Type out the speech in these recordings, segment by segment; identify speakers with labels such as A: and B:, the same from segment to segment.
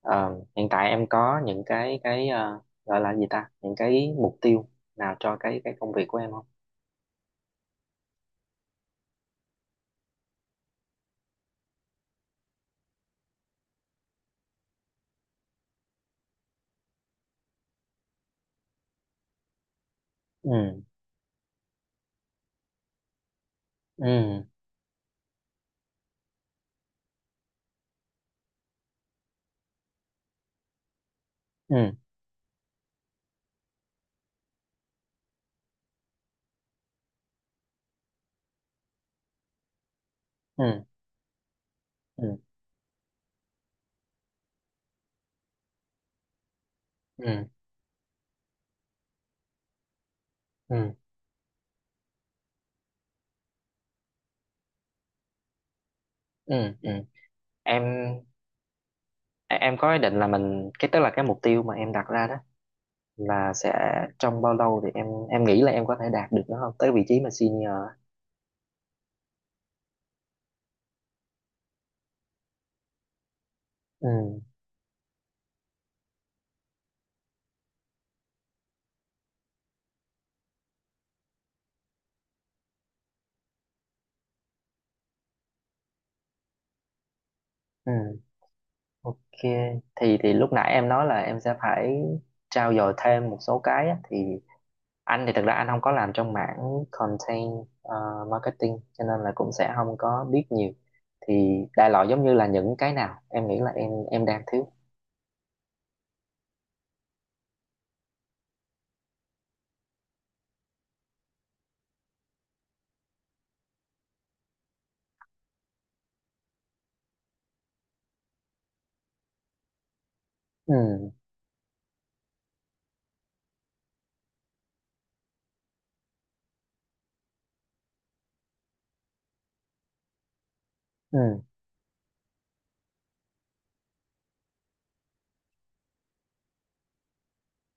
A: Ờ, Hiện tại em có những cái gọi là gì ta, những cái mục tiêu nào cho cái công việc của em không? Ừ, ừ, ừ, ừ, ừ, ừ, ừ, ừ, ừ. em em có ý định là mình cái tức là cái mục tiêu mà em đặt ra đó là sẽ trong bao lâu thì em nghĩ là em có thể đạt được nó không tới vị trí mà senior á. Ừ, ừ, ok. Thì lúc nãy em nói là em sẽ phải trau dồi thêm một số cái á, thì anh thì thật ra anh không có làm trong mảng content ờ, marketing, cho nên là cũng sẽ không có biết nhiều, thì đại loại giống như là những cái nào em nghĩ là em đang thiếu. Ừ, ừ,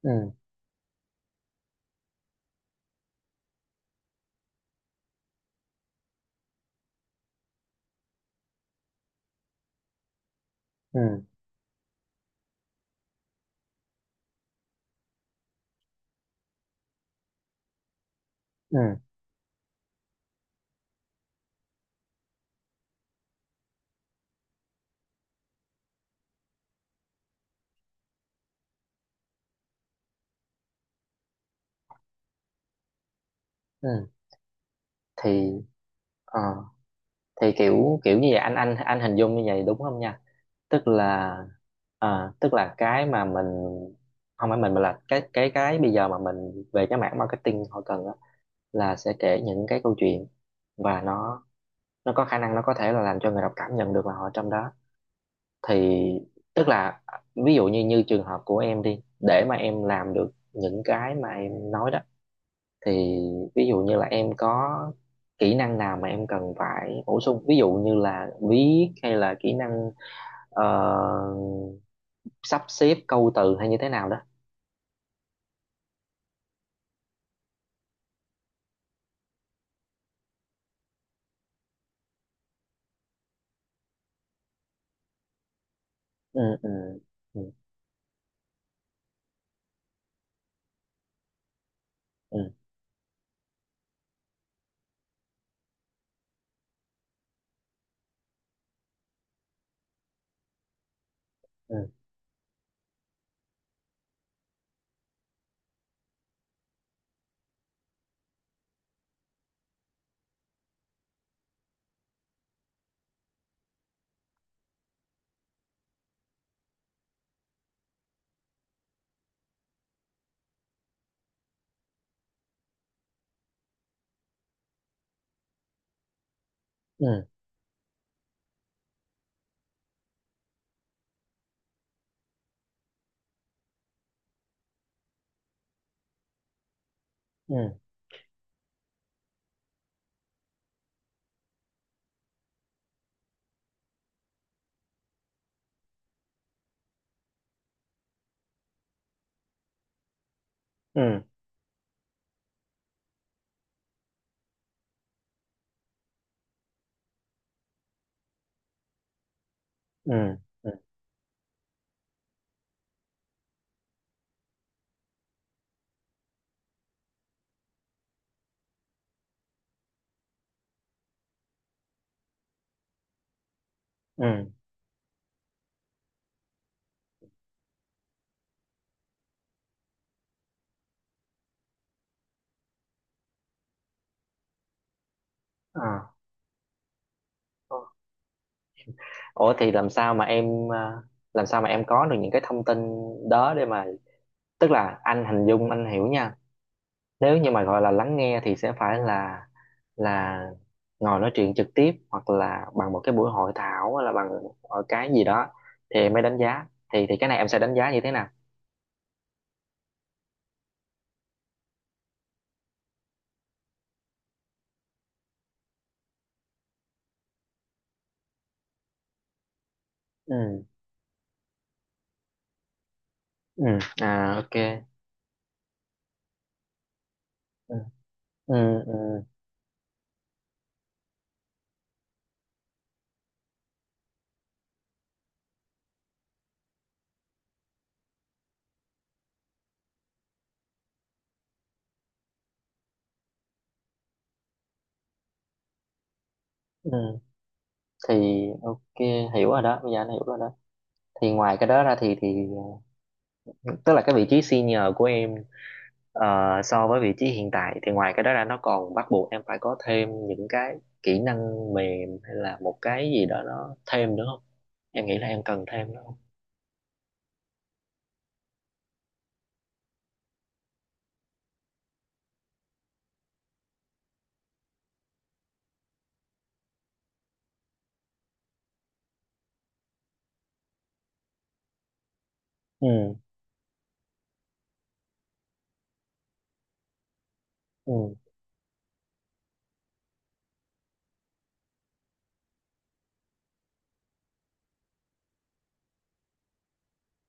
A: ừ, ừ, ừ, ừ. Thì ờ, thì kiểu kiểu như vậy, anh hình dung như vậy đúng không nha, tức là tức là cái mà mình không phải mình mà là cái bây giờ mà mình về cái mảng marketing họ cần á, là sẽ kể những cái câu chuyện và nó có khả năng nó có thể là làm cho người đọc cảm nhận được là họ trong đó. Thì tức là ví dụ như như trường hợp của em đi, để mà em làm được những cái mà em nói đó, thì ví dụ như là em có kỹ năng nào mà em cần phải bổ sung, ví dụ như là viết hay là kỹ năng ờ, sắp xếp câu từ hay như thế nào đó. Ừ, ừ, ừ, ừ, ừ, ừ, ừ, ừ, ừ, ừ, ừ. Ừ. À, Ủa thì làm sao mà làm sao mà em có được những cái thông tin đó để mà, tức là anh hình dung anh hiểu nha, nếu như mà gọi là lắng nghe thì sẽ phải là ngồi nói chuyện trực tiếp hoặc là bằng một cái buổi hội thảo hay là bằng ở cái gì đó thì em mới đánh giá. Thì cái này em sẽ đánh giá như thế nào? Ừ, ừ, à, ok, ừ, ừ, ừ, ừ. Thì ok, hiểu rồi đó, bây giờ anh hiểu rồi đó. Thì ngoài cái đó ra thì tức là cái vị trí senior của em. Ờ, so với vị trí hiện tại thì ngoài cái đó ra nó còn bắt buộc em phải có thêm những cái kỹ năng mềm hay là một cái gì đó nó thêm nữa không? Em nghĩ là em cần thêm nữa không? Ừ, ừ,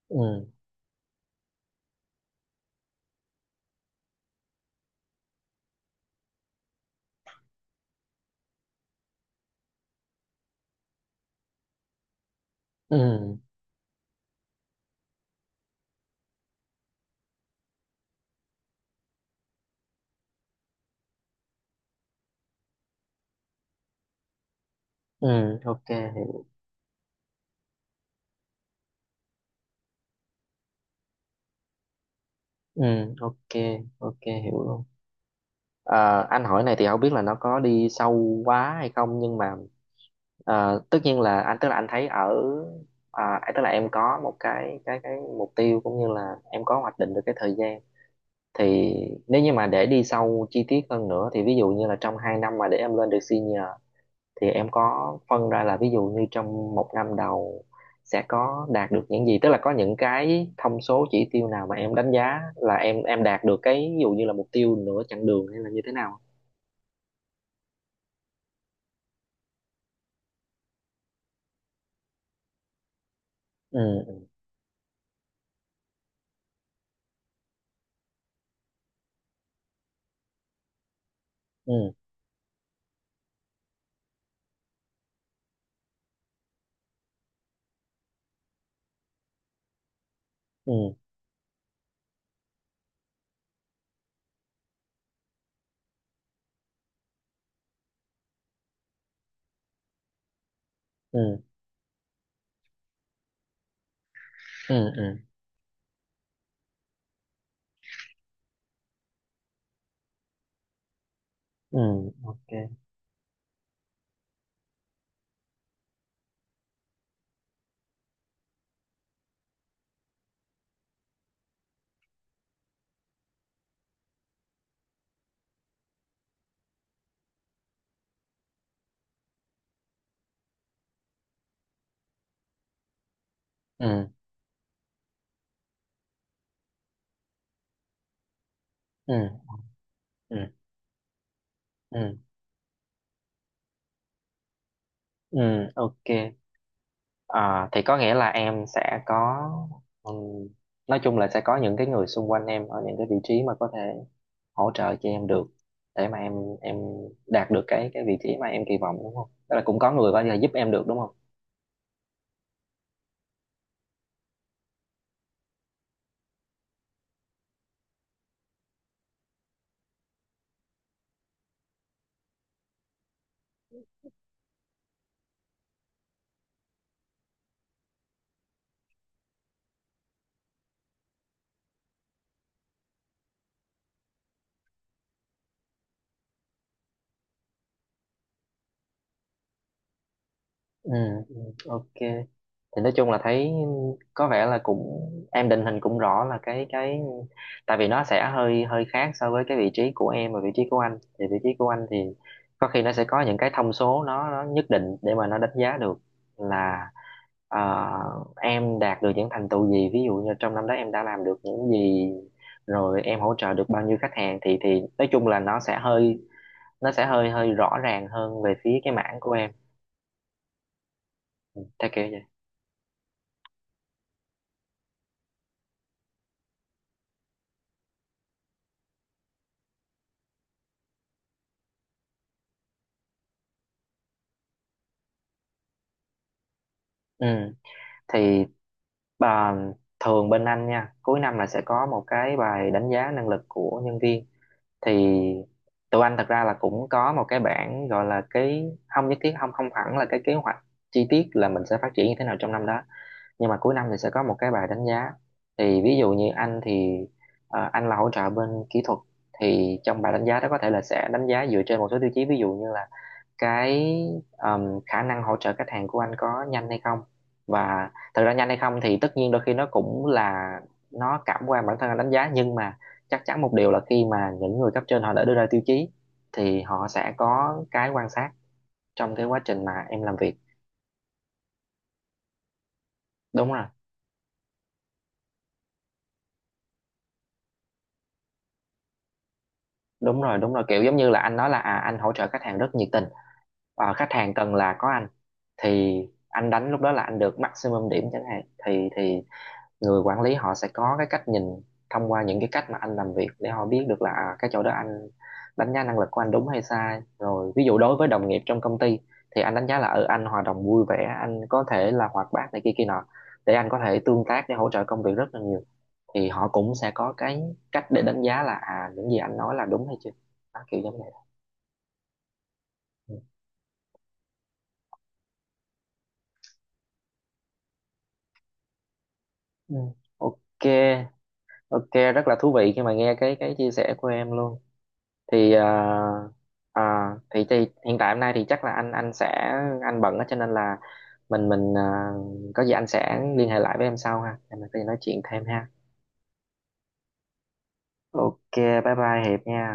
A: ừ, ừ, ừ, ok, hiểu. Ừ, ok, ok, hiểu luôn. Ờ, anh hỏi này thì không biết là nó có đi sâu quá hay không, nhưng mà tất nhiên là anh tức là anh thấy ở tức là em có một cái mục tiêu, cũng như là em có hoạch định được cái thời gian. Thì nếu như mà để đi sâu chi tiết hơn nữa, thì ví dụ như là trong 2 năm mà để em lên được senior, thì em có phân ra là ví dụ như trong một năm đầu sẽ có đạt được những gì, tức là có những cái thông số chỉ tiêu nào mà em đánh giá là em đạt được cái ví dụ như là mục tiêu nửa chặng đường hay là như thế nào? Ừ, ừ, ừ, ừ, ừ, ừ, ừ, ok, ừ, ừ, ừ, ừ, ừ, ok. À, thì có nghĩa là em sẽ có, ừm, nói chung là sẽ có những cái người xung quanh em ở những cái vị trí mà có thể hỗ trợ cho em được để mà em đạt được cái vị trí mà em kỳ vọng đúng không? Tức là cũng có người có thể giúp em được đúng không? Ừ, ừ, ok. Thì nói chung là thấy có vẻ là cũng em định hình cũng rõ là cái tại vì nó sẽ hơi hơi khác so với cái vị trí của em, và vị trí của anh thì vị trí của anh thì có khi nó sẽ có những cái thông số, nó nhất định để mà nó đánh giá được là ờ, em đạt được những thành tựu gì, ví dụ như trong năm đó em đã làm được những gì, rồi em hỗ trợ được bao nhiêu khách hàng, thì nói chung là nó sẽ hơi hơi rõ ràng hơn về phía cái mảng của em, theo kiểu vậy. Ừ. Thì bà thường bên anh nha, cuối năm là sẽ có một cái bài đánh giá năng lực của nhân viên. Thì tụi anh thật ra là cũng có một cái bảng gọi là cái không nhất thiết, không không hẳn là cái kế hoạch chi tiết là mình sẽ phát triển như thế nào trong năm đó. Nhưng mà cuối năm thì sẽ có một cái bài đánh giá. Thì ví dụ như anh thì anh là hỗ trợ bên kỹ thuật, thì trong bài đánh giá đó có thể là sẽ đánh giá dựa trên một số tiêu chí, ví dụ như là cái khả năng hỗ trợ khách hàng của anh có nhanh hay không. Và thật ra nhanh hay không thì tất nhiên đôi khi nó cũng là nó cảm quan bản thân anh đánh giá, nhưng mà chắc chắn một điều là khi mà những người cấp trên họ đã đưa ra tiêu chí thì họ sẽ có cái quan sát trong cái quá trình mà em làm việc. Đúng rồi, đúng rồi, đúng rồi, kiểu giống như là anh nói là à, anh hỗ trợ khách hàng rất nhiệt tình. Khách hàng cần là có anh, thì anh đánh lúc đó là anh được maximum điểm chẳng hạn, thì người quản lý họ sẽ có cái cách nhìn thông qua những cái cách mà anh làm việc để họ biết được là à, cái chỗ đó anh đánh giá năng lực của anh đúng hay sai. Rồi ví dụ đối với đồng nghiệp trong công ty thì anh đánh giá là ở anh hoạt động vui vẻ, anh có thể là hoạt bát này kia kia nọ để anh có thể tương tác để hỗ trợ công việc rất là nhiều, thì họ cũng sẽ có cái cách để đánh giá là à những gì anh nói là đúng hay chưa. Đó, kiểu giống vậy. Ừ. Ok, ok, rất là thú vị khi mà nghe cái chia sẻ của em luôn. Thì ờ, ờ, thì thì hiện tại hôm nay thì chắc là anh sẽ anh bận á, cho nên là mình có gì anh sẽ liên hệ lại với em sau ha, để mình có gì nói chuyện thêm ha. Ok, bye bye Hiệp nha.